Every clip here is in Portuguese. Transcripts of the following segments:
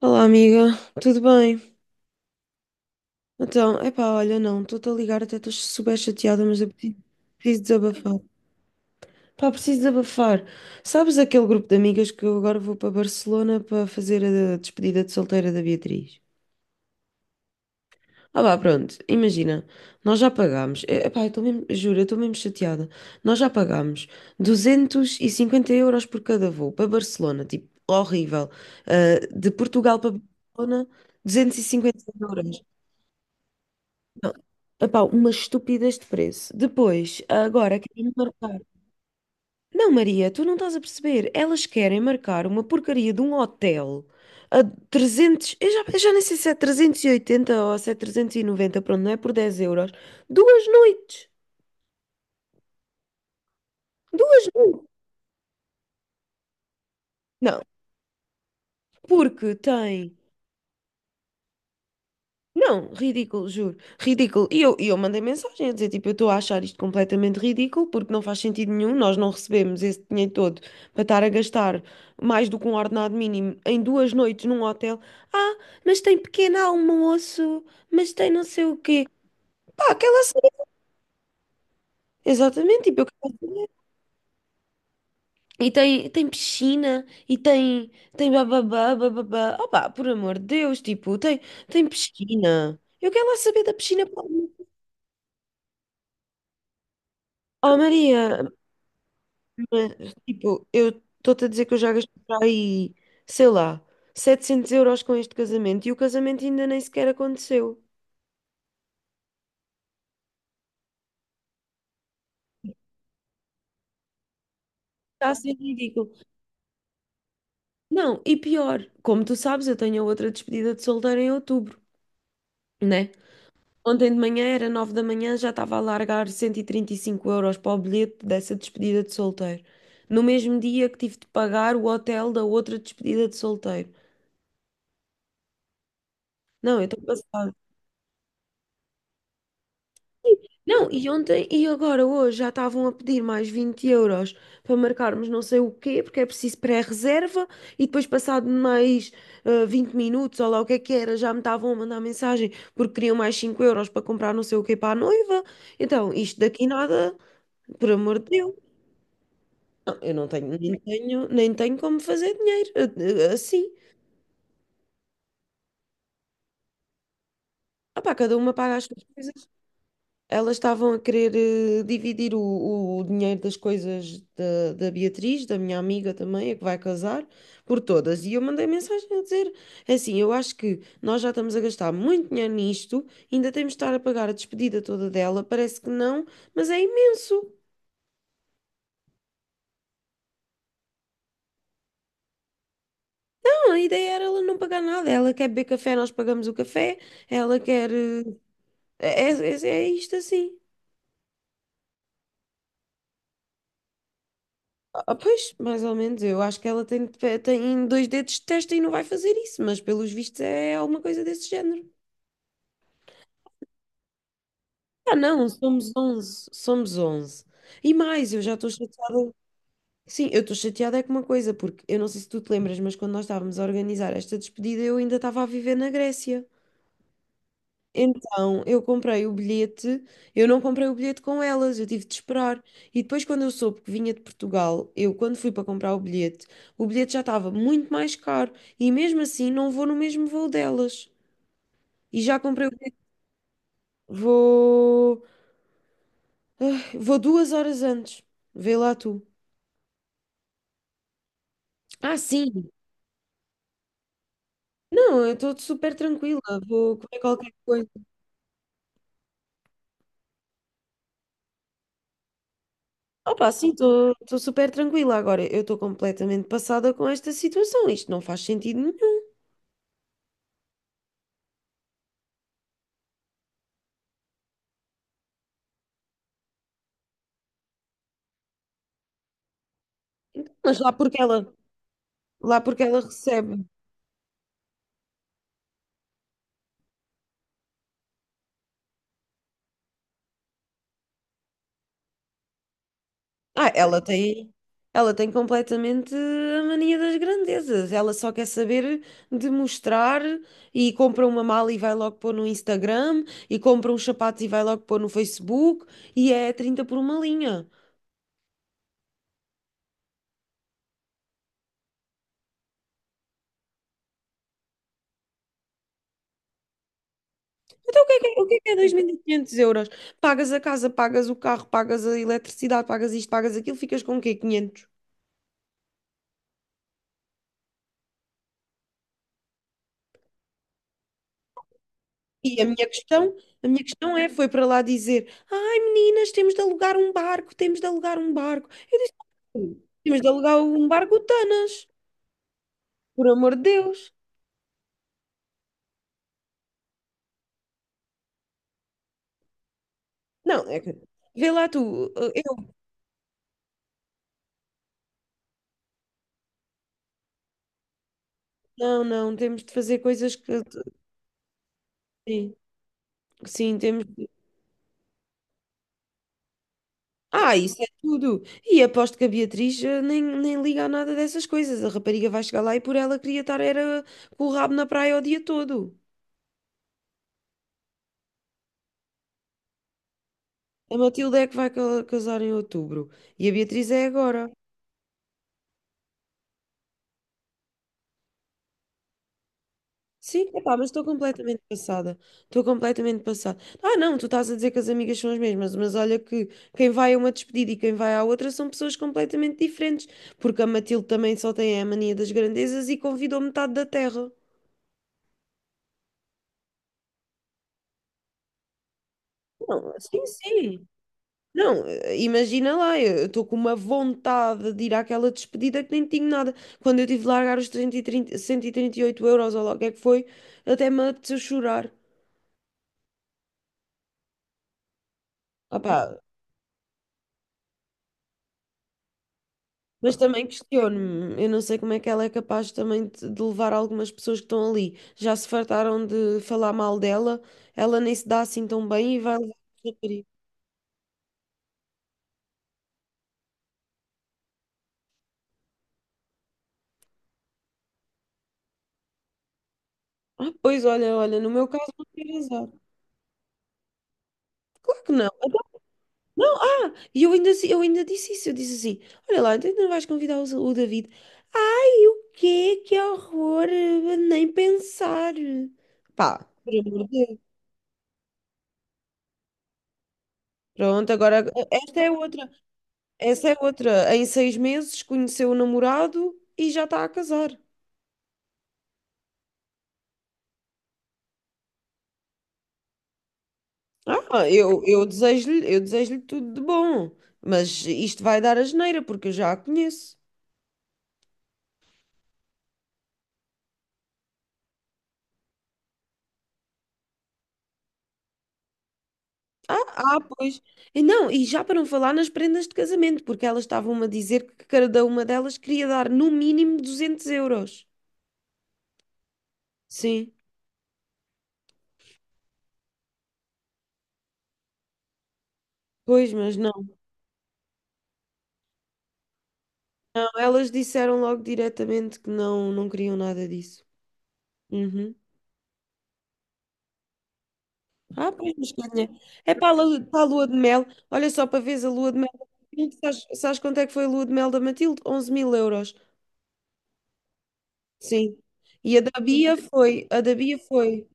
Olá, amiga, tudo bem? Então, epá, olha, não, estou-te a ligar, até estou super chateada, mas eu preciso desabafar. Pá, preciso desabafar. Sabes aquele grupo de amigas que eu agora vou para Barcelona para fazer a despedida de solteira da Beatriz? Ah, vá, pronto, imagina, nós já pagámos, epá, eu estou mesmo, juro, eu estou mesmo chateada. Nós já pagámos 250 euros por cada voo para Barcelona, tipo, horrível. Ah, de Portugal para Barcelona, 250 euros. Epá, umas estúpidas de preço. Depois, agora querem marcar. Não, Maria, tu não estás a perceber. Elas querem marcar uma porcaria de um hotel a 300. Eu já nem sei se é 380 ou se é 390. Pronto, não é por 10 euros. Duas noites. Duas noites. Não, porque tem. Não, ridículo, juro, ridículo. E eu mandei mensagem a dizer, tipo, eu estou a achar isto completamente ridículo porque não faz sentido nenhum, nós não recebemos esse dinheiro todo para estar a gastar mais do que um ordenado mínimo em duas noites num hotel. Ah, mas tem pequeno almoço, mas tem não sei o quê. Pá, aquela cena. Exatamente, tipo, eu quero saber. E tem piscina, e tem, tem bababá, bababá. Opá, por amor de Deus, tipo, tem piscina. Eu quero lá saber da piscina para. Oh, Maria, mas, tipo, eu estou-te a dizer que eu já gastei para aí, sei lá, 700 euros com este casamento e o casamento ainda nem sequer aconteceu. Está a ser ridículo. Não, e pior, como tu sabes, eu tenho outra despedida de solteiro em outubro, né? Ontem de manhã era 9 da manhã, já estava a largar cento e trinta e cinco euros para o bilhete dessa despedida de solteiro. No mesmo dia que tive de pagar o hotel da outra despedida de solteiro. Não, eu estou passada. Não, e ontem e agora hoje já estavam a pedir mais 20 euros para marcarmos não sei o quê, porque é preciso pré-reserva e depois passado mais 20 minutos ou lá o que é que era, já me estavam a mandar mensagem porque queriam mais 5 euros para comprar não sei o quê para a noiva. Então, isto daqui nada, por amor de Deus. Não, eu não tenho, nem tenho como fazer dinheiro assim. Ah pá, cada uma paga as suas coisas. Elas estavam a querer dividir o dinheiro das coisas da Beatriz, da minha amiga também, a que vai casar, por todas. E eu mandei mensagem a dizer: é assim, eu acho que nós já estamos a gastar muito dinheiro nisto, ainda temos de estar a pagar a despedida toda dela. Parece que não, mas é imenso. Não, a ideia era ela não pagar nada. Ela quer beber café, nós pagamos o café. Ela quer. É isto assim. Ah, pois, mais ou menos, eu acho que ela tem dois dedos de testa e não vai fazer isso, mas pelos vistos é alguma coisa desse género. Ah, não, somos onze, somos onze. E mais, eu já estou chateada. Sim, eu estou chateada é com uma coisa, porque eu não sei se tu te lembras, mas quando nós estávamos a organizar esta despedida, eu ainda estava a viver na Grécia. Então, eu comprei o bilhete, eu não comprei o bilhete com elas, eu tive de esperar. E depois, quando eu soube que vinha de Portugal, eu, quando fui para comprar o bilhete já estava muito mais caro. E mesmo assim, não vou no mesmo voo delas. E já comprei o bilhete, vou, vou 2 horas antes. Vê lá tu. Ah, sim. Não, eu estou super tranquila, vou comer qualquer coisa. Opa, sim, estou super tranquila agora. Eu estou completamente passada com esta situação. Isto não faz sentido nenhum. Mas lá porque ela. Lá porque ela recebe. Ah, ela tem completamente a mania das grandezas. Ela só quer saber de mostrar e compra uma mala e vai logo pôr no Instagram e compra uns sapatos e vai logo pôr no Facebook e é 30 por uma linha. Então o que é, o que é 2.500 euros? Pagas a casa, pagas o carro, pagas a eletricidade, pagas isto, pagas aquilo, ficas com o quê? Quinhentos. E a minha questão é, foi para lá dizer, ai meninas, temos de alugar um barco, temos de alugar um barco. Eu disse, "Sim, temos de alugar um barco Tanas, por amor de Deus." Não, é que, vê lá tu, eu, não, não, temos de fazer coisas que, sim, sim, temos de. Ah, isso é tudo. E aposto que a Beatriz nem liga a nada dessas coisas. A rapariga vai chegar lá e por ela queria estar era com o rabo na praia o dia todo. A Matilde é que vai casar em outubro e a Beatriz é agora. Sim, epá, mas estou completamente passada. Estou completamente passada. Ah, não, tu estás a dizer que as amigas são as mesmas, mas olha que quem vai a uma despedida e quem vai à outra são pessoas completamente diferentes, porque a Matilde também só tem a mania das grandezas e convidou metade da terra. Não, sim, sim. Não, imagina lá, eu estou com uma vontade de ir àquela despedida que nem tinha nada. Quando eu tive de largar os 130, 138 euros ou lá o que é que foi, até me apeteceu chorar. Opá, mas também questiono-me, eu não sei como é que ela é capaz também de levar algumas pessoas que estão ali. Já se fartaram de falar mal dela, ela nem se dá assim tão bem e vai levar a porcaria. Ah, pois olha, olha, no meu caso não tem azar. Claro que não. Então, não, ah, e eu ainda disse isso, eu disse assim, olha lá, então ainda não vais convidar o David. Ai, o quê? Que horror, nem pensar. Pá, pelo amor de Deus. Pronto, agora esta é outra. Essa é outra. Em 6 meses conheceu o namorado e já está a casar. Ah, eu desejo-lhe tudo de bom, mas isto vai dar a asneira porque eu já a conheço. Ah, ah, pois. E não, e já para não falar nas prendas de casamento, porque elas estavam-me a dizer que cada uma delas queria dar no mínimo 200 euros. Sim, pois, mas não. Não, elas disseram logo diretamente que não, não queriam nada disso. Uhum. Ah, pois, mas ganha. É para a lua de mel. Olha só para veres a lua de mel da Matilde. Sabes, sabes quanto é que foi a lua de mel da Matilde? 11 000 euros. Sim. E a da Bia foi. A da Bia foi.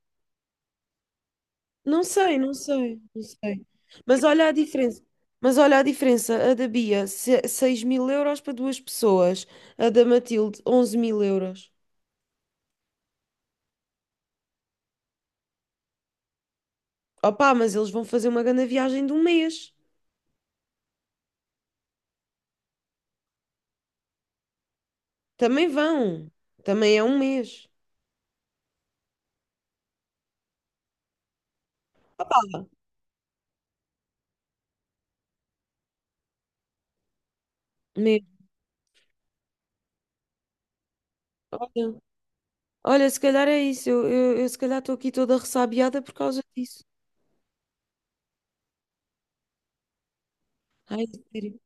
Não sei, não sei, não sei. Mas olha a diferença. Mas olha a diferença. A da Bia, seis mil euros para duas pessoas. A da Matilde, 11 000 euros. Opa, mas eles vão fazer uma grande viagem de um mês. Também vão. Também é um mês. Um mês. Olha. Olha, se calhar é isso. Eu se calhar estou aqui toda ressabiada por causa disso. Ai, sério,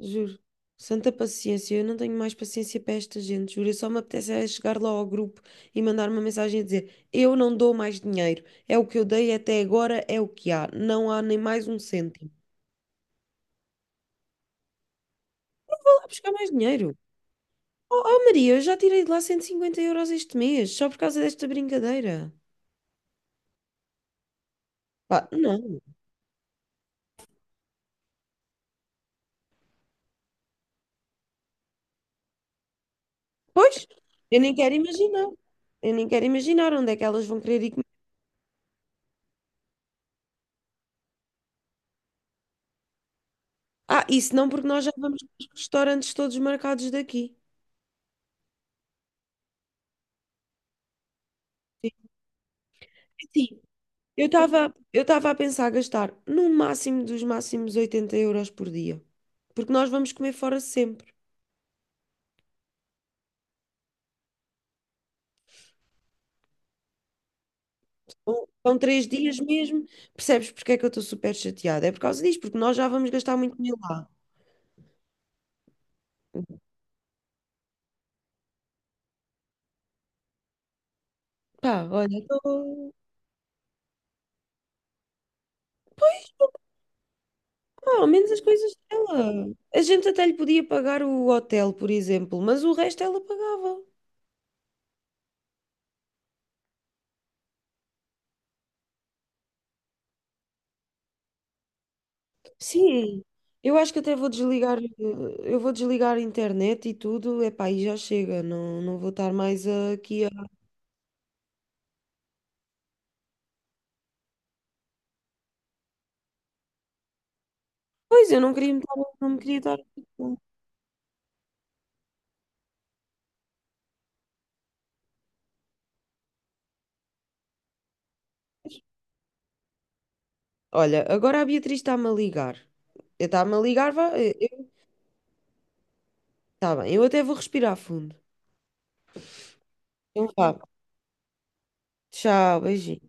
juro. Santa paciência, eu não tenho mais paciência para esta gente, juro. Eu só me apetece é chegar lá ao grupo e mandar uma mensagem a dizer: Eu não dou mais dinheiro. É o que eu dei até agora, é o que há. Não há nem mais um cêntimo. Vou lá buscar mais dinheiro. Oh, oh, Maria, eu já tirei de lá 150 euros este mês, só por causa desta brincadeira. Pá, não. Pois, eu nem quero imaginar. Eu nem quero imaginar onde é que elas vão querer ir. Ah, isso não, porque nós já vamos aos restaurantes todos marcados daqui. Sim. Sim. Eu estava a pensar gastar no máximo dos máximos 80 euros por dia. Porque nós vamos comer fora sempre. São 3 dias mesmo. Percebes porque é que eu estou super chateada? É por causa disso, porque nós já vamos gastar muito dinheiro lá. Pá, olha, tô. Ah, ao menos as coisas dela. A gente até lhe podia pagar o hotel, por exemplo, mas o resto ela pagava. Sim, eu acho que até vou desligar, eu vou desligar a internet e tudo, epá, e já chega, não, não vou estar mais aqui a. Pois, eu não queria me estar, não me queria estar. Olha, agora a Beatriz está-me a ligar. Está-me a ligar, vá, eu. Tá bem, eu até vou respirar fundo. Então vá, tchau, beijinho.